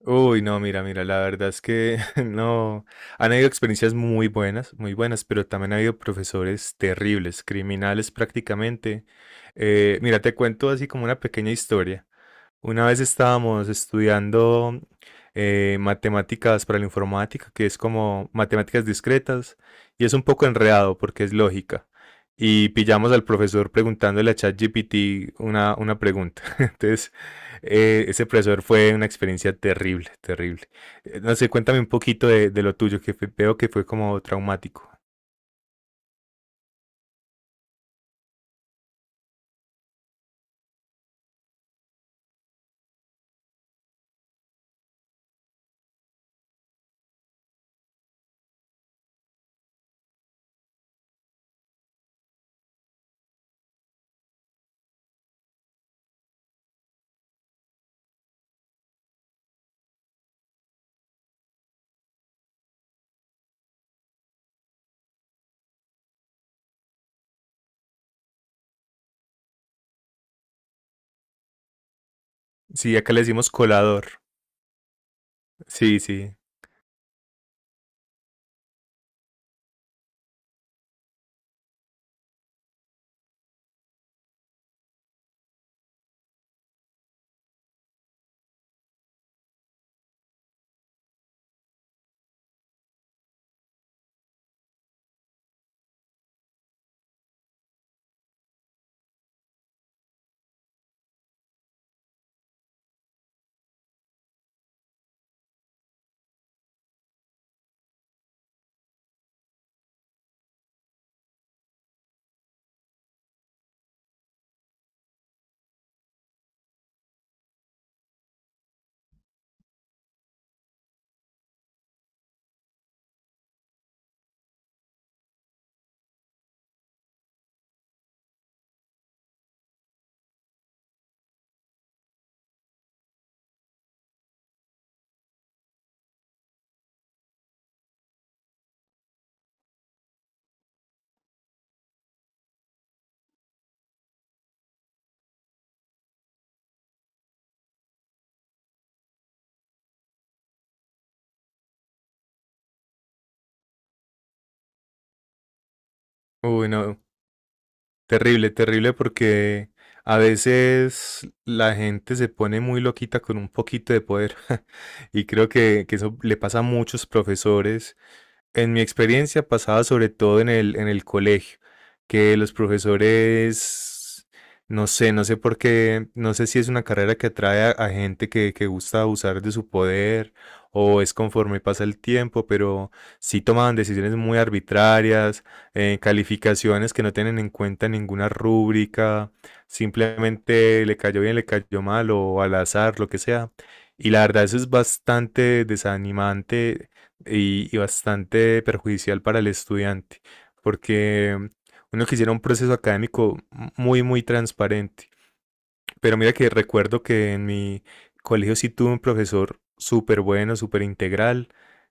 Uy, no, mira, la verdad es que no, han habido experiencias muy buenas, pero también ha habido profesores terribles, criminales prácticamente. Mira, te cuento así como una pequeña historia. Una vez estábamos estudiando matemáticas para la informática, que es como matemáticas discretas, y es un poco enredado porque es lógica. Y pillamos al profesor preguntándole a ChatGPT una pregunta. Entonces, ese profesor fue una experiencia terrible, terrible. No sé, cuéntame un poquito de lo tuyo, veo que fue como traumático. Sí, acá le decimos colador. Sí, sí. Uy, no. Terrible, terrible porque a veces la gente se pone muy loquita con un poquito de poder y creo que eso le pasa a muchos profesores. En mi experiencia pasaba sobre todo en el colegio, que los profesores, no sé, no sé por qué, no sé si es una carrera que atrae a gente que gusta abusar de su poder o es conforme pasa el tiempo, pero sí tomaban decisiones muy arbitrarias, calificaciones que no tienen en cuenta ninguna rúbrica, simplemente le cayó bien, le cayó mal o al azar, lo que sea. Y la verdad eso es bastante desanimante y bastante perjudicial para el estudiante, porque uno quisiera un proceso académico muy, muy transparente. Pero mira que recuerdo que en mi colegio sí tuve un profesor súper bueno, súper integral,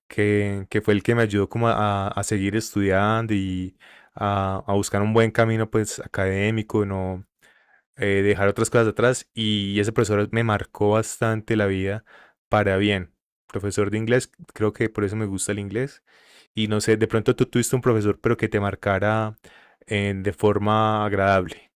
que fue el que me ayudó como a seguir estudiando y a buscar un buen camino pues académico, no, dejar otras cosas atrás y ese profesor me marcó bastante la vida para bien. Profesor de inglés, creo que por eso me gusta el inglés. Y no sé, de pronto tú tuviste un profesor, pero que te marcara de forma agradable.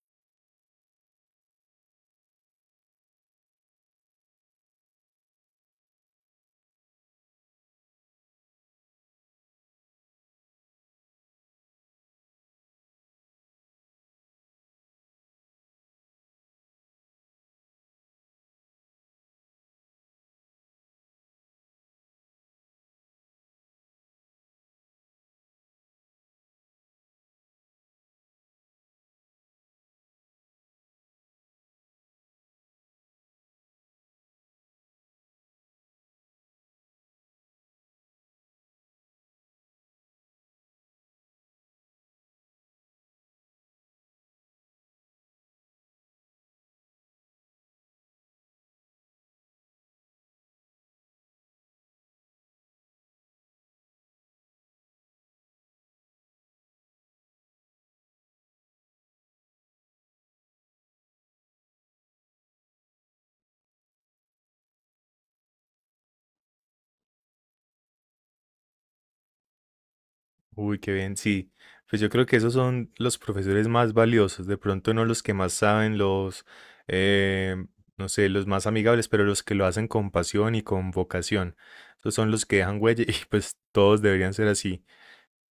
Uy, qué bien, sí. Pues yo creo que esos son los profesores más valiosos, de pronto no los que más saben, eh, no sé, los más amigables, pero los que lo hacen con pasión y con vocación. Esos son los que dejan huella y pues todos deberían ser así,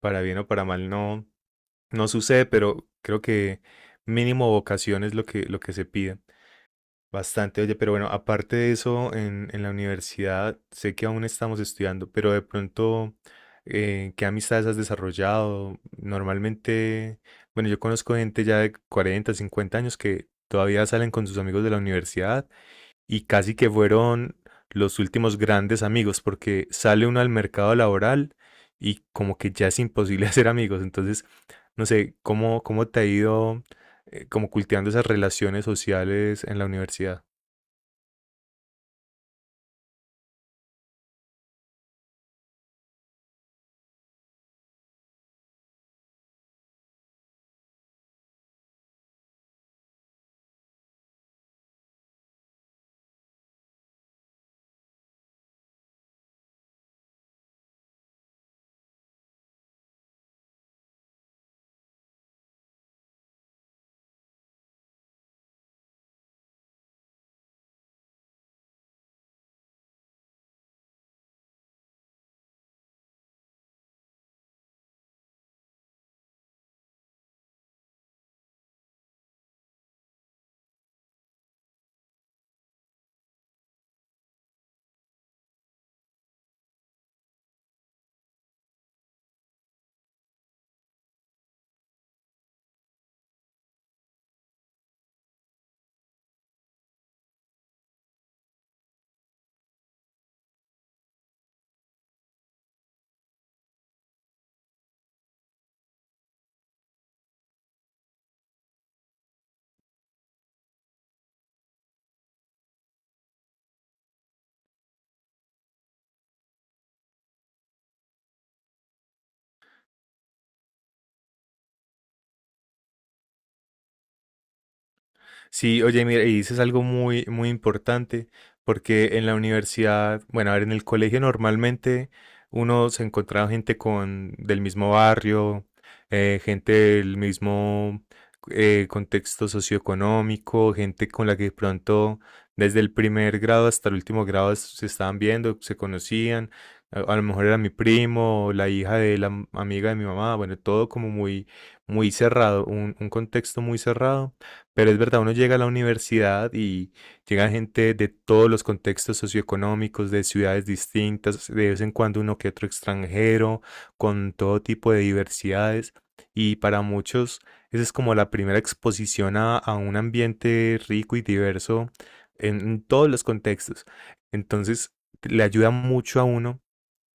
para bien o para mal, no, no sucede, pero creo que mínimo vocación es lo lo que se pide. Bastante, oye, pero bueno, aparte de eso, en la universidad sé que aún estamos estudiando, pero de pronto, ¿qué amistades has desarrollado? Normalmente, bueno, yo conozco gente ya de 40, 50 años que todavía salen con sus amigos de la universidad y casi que fueron los últimos grandes amigos, porque sale uno al mercado laboral y como que ya es imposible hacer amigos. Entonces, no sé, ¿cómo te ha ido como cultivando esas relaciones sociales en la universidad? Sí, oye, mira, y dices algo muy, muy importante, porque en la universidad, bueno, a ver, en el colegio normalmente uno se encontraba gente con del mismo barrio, gente del mismo contexto socioeconómico, gente con la que de pronto desde el primer grado hasta el último grado se estaban viendo, se conocían, a lo mejor era mi primo, o la hija de la amiga de mi mamá, bueno, todo como muy, muy cerrado, un contexto muy cerrado. Pero es verdad, uno llega a la universidad y llega gente de todos los contextos socioeconómicos, de ciudades distintas, de vez en cuando uno que otro extranjero, con todo tipo de diversidades. Y para muchos, esa es como la primera exposición a un ambiente rico y diverso en todos los contextos. Entonces, le ayuda mucho a uno.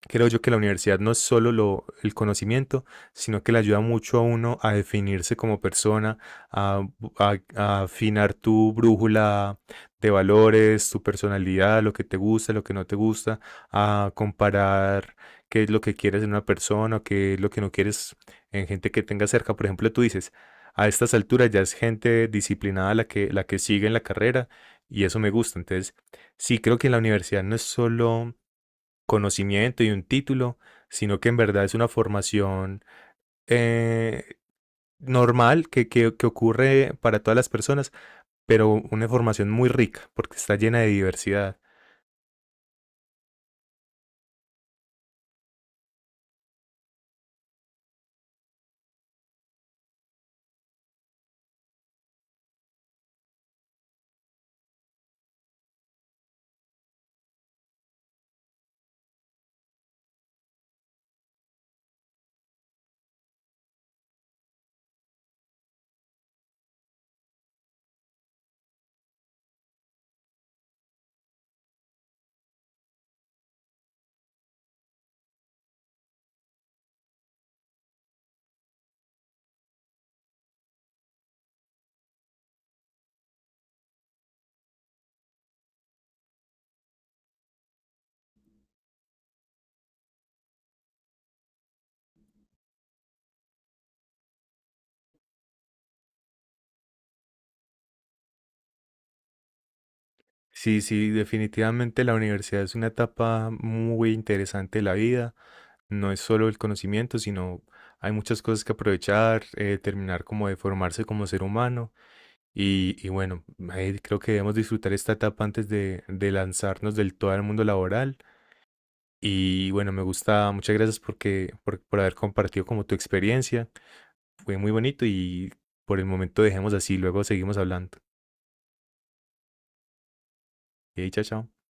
Creo yo que la universidad no es solo el conocimiento, sino que le ayuda mucho a uno a definirse como persona, a, bu- a afinar tu brújula de valores, tu personalidad, lo que te gusta, lo que no te gusta, a comparar qué es lo que quieres en una persona, qué es lo que no quieres en gente que tengas cerca. Por ejemplo, tú dices, a estas alturas ya es gente disciplinada la que sigue en la carrera y eso me gusta. Entonces, sí, creo que la universidad no es solo conocimiento y un título, sino que en verdad es una formación eh, normal que ocurre para todas las personas, pero una formación muy rica porque está llena de diversidad. Sí, sí, definitivamente la universidad es una etapa muy interesante de la vida. No es solo el conocimiento, sino hay muchas cosas que aprovechar, terminar como de formarse como ser humano. Y bueno, ahí creo que debemos disfrutar esta etapa antes de lanzarnos del todo al mundo laboral. Y bueno, me gusta, muchas gracias porque, por haber compartido como tu experiencia. Fue muy bonito y por el momento dejemos así, luego seguimos hablando. Y chao, chao.